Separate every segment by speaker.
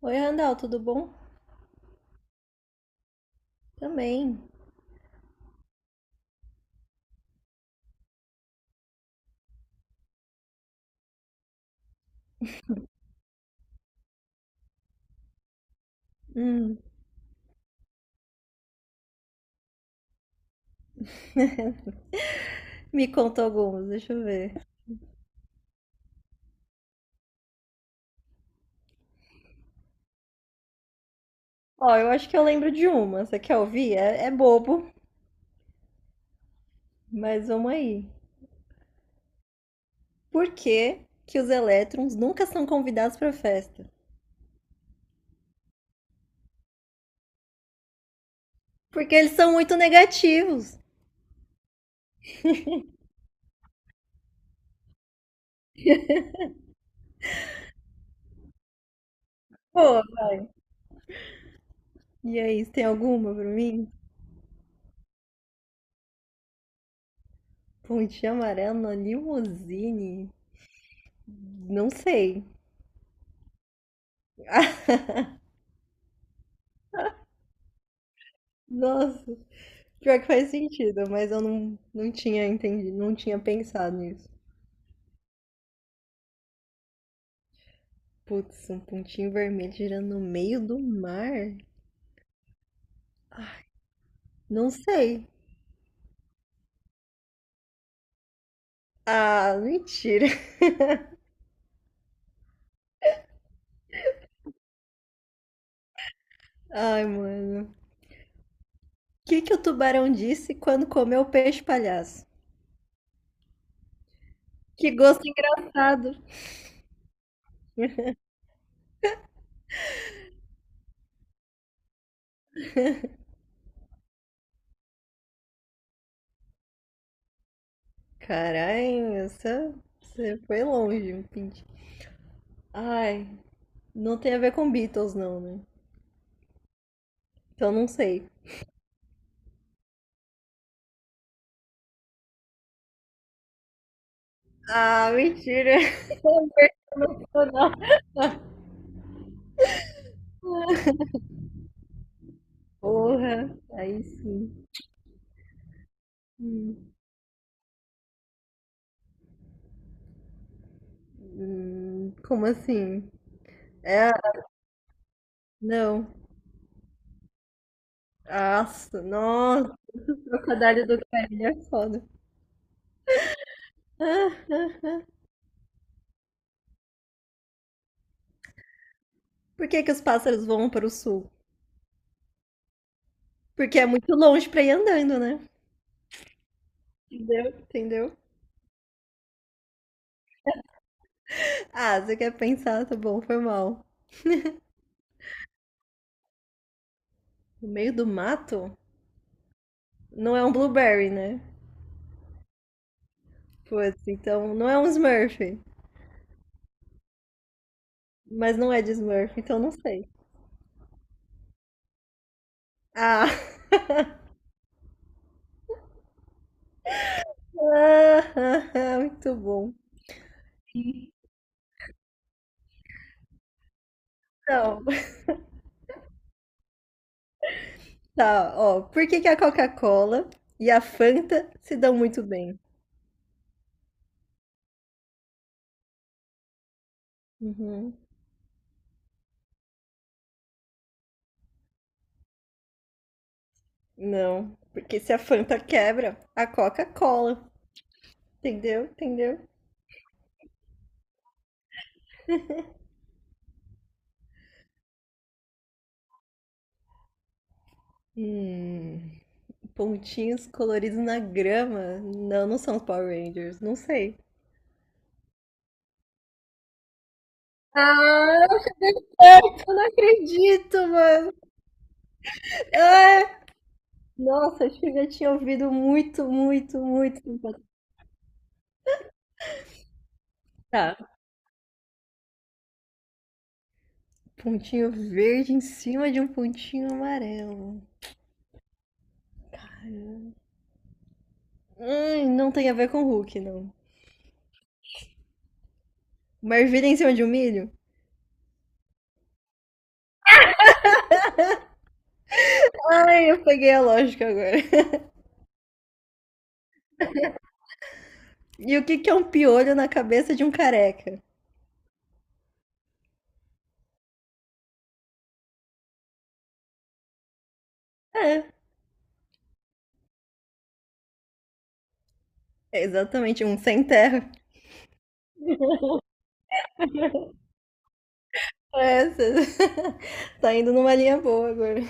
Speaker 1: Oi, Randall, tudo bom? Também. Hum, me conta algumas, deixa eu ver. Ó, eu acho que eu lembro de uma. Você quer ouvir? É bobo, mas vamos aí. Por que que os elétrons nunca são convidados pra festa? Porque eles são muito negativos. Pô, e aí, você tem alguma pra mim? Pontinho amarela, na limusine? Não sei. Nossa, pior que faz sentido, mas eu não tinha entendido, não tinha pensado nisso. Putz, um pontinho vermelho girando no meio do mar? Não sei. Ah, mentira. Ai, mano. O que que o tubarão disse quando comeu o peixe palhaço? Que gosto engraçado. Caralho, essa... você foi longe, um pintinho. Ai, não tem a ver com Beatles, não, né? Então não sei. Ah, mentira. Não, aguento, não. Porra, aí sim. Hum, como assim? É, não. Nossa, nossa. Trocadilho do Guarani é foda. Ah, ah, ah. Por que que os pássaros voam para o sul? Porque é muito longe pra ir andando, né? Entendeu? Entendeu? Ah, você quer pensar, tá bom, foi mal. No meio do mato? Não é um blueberry, né? Putz, então não é um Smurf. Mas não é de Smurf, então não sei. Ah, ah, ah, ah, muito bom. Então, tá, ó. Por que que a Coca-Cola e a Fanta se dão muito bem? Uhum. Não, porque se a Fanta quebra, a Coca-Cola. Entendeu? Entendeu? Hum, pontinhos coloridos na grama. Não, não são os Power Rangers. Não sei. Ah, eu não acredito, mano. Ah, nossa, acho que eu já tinha ouvido muito, muito, muito tempo atrás. Tá. Pontinho verde em cima de um pontinho amarelo. Não tem a ver com o Hulk, não. Uma ervilha em cima de um milho? Ai, eu peguei a lógica agora. E o que que é um piolho na cabeça de um careca? É, é exatamente, um sem terra. É, cê... tá indo numa linha boa agora.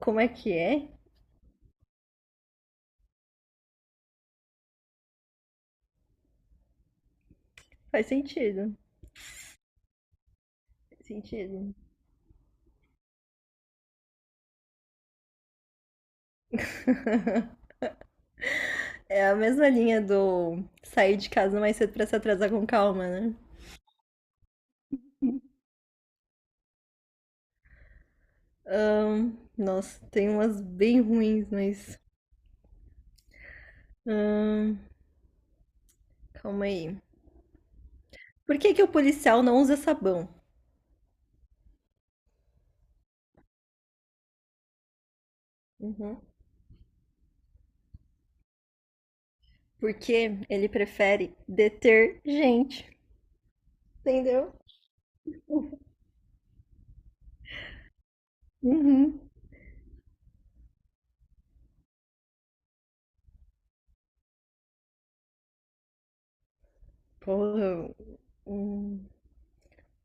Speaker 1: Como é que é? Faz sentido. Faz sentido. É a mesma linha do sair de casa mais cedo pra se atrasar com calma, né? Nossa, tem umas bem ruins, mas calma aí. Por que que o policial não usa sabão? Uhum. Porque ele prefere detergente, entendeu? Uhum. Porra, um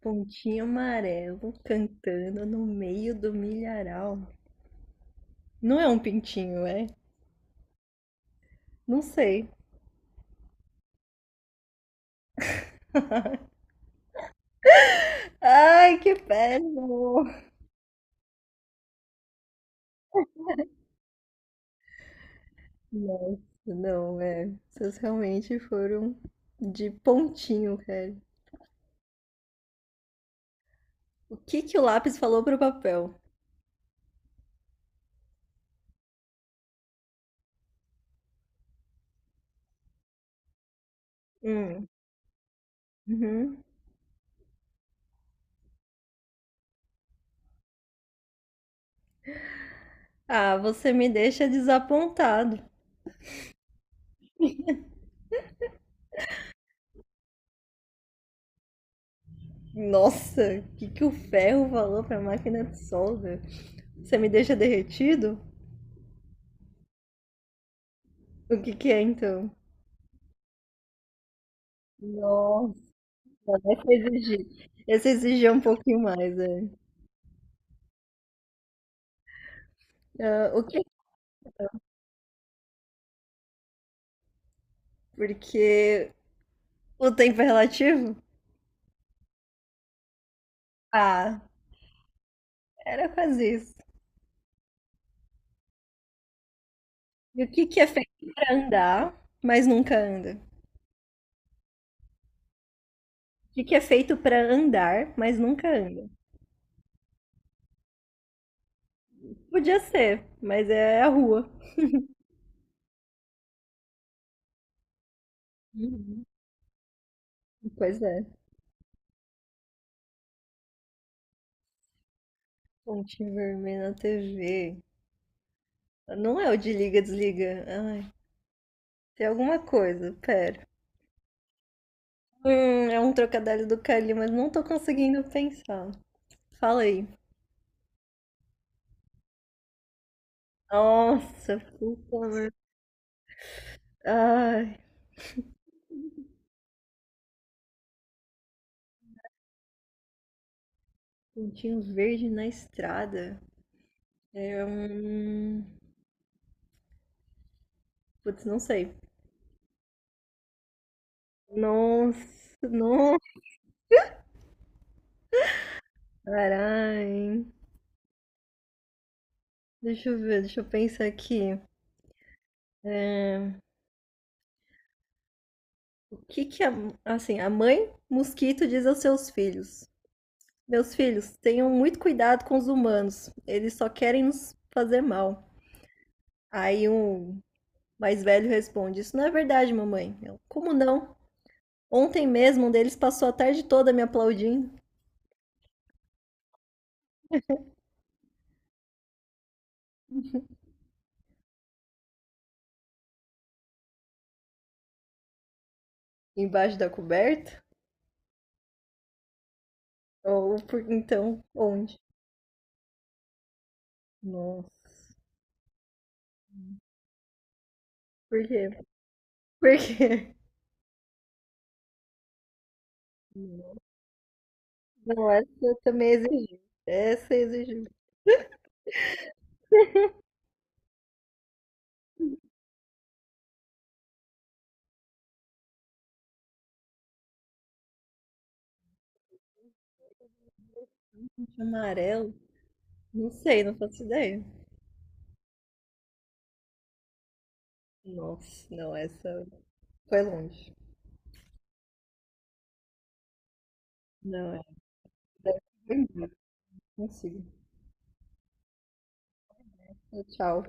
Speaker 1: pontinho amarelo cantando no meio do milharal. Não é um pintinho, é? Não sei. Ai, que péssimo! Nossa, não, é. Vocês realmente foram de pontinho, cara. O que que o lápis falou pro papel? Hum, uhum. Ah, você me deixa desapontado. Nossa, o que que o ferro falou pra máquina de solda? Você me deixa derretido? O que que é então? Nossa. Essa exigir. Essa exigir um pouquinho mais, é. Ah, o que? É? Porque o tempo é relativo? Ah, era quase isso. E o que que é feito pra andar, mas nunca anda? O que que é feito pra andar, mas nunca anda? Podia ser, mas é a rua. Uhum. Pois é. Ponte vermelha na TV. Não é o de liga, desliga. Ai, tem alguma coisa, pera. É um trocadilho do Cali, mas não tô conseguindo pensar. Fala aí. Nossa, puta merda. Ai, pontinho verde na estrada. É um. Putz, não sei. Nossa, nossa, caralho. Deixa eu ver, deixa eu pensar aqui. O que que a, assim, a mãe mosquito diz aos seus filhos? Meus filhos, tenham muito cuidado com os humanos. Eles só querem nos fazer mal. Aí o mais velho responde: Isso não é verdade, mamãe. Eu, como não? Ontem mesmo um deles passou a tarde toda me aplaudindo. Embaixo da coberta? Ou por, então, onde? Nossa. Por quê? Por quê? Não, essa também exigiu. Essa exigiu. Amarelo? Não sei, não faço ideia. Nossa, não, essa foi longe. Não, essa foi longe. Não consigo. Tchau.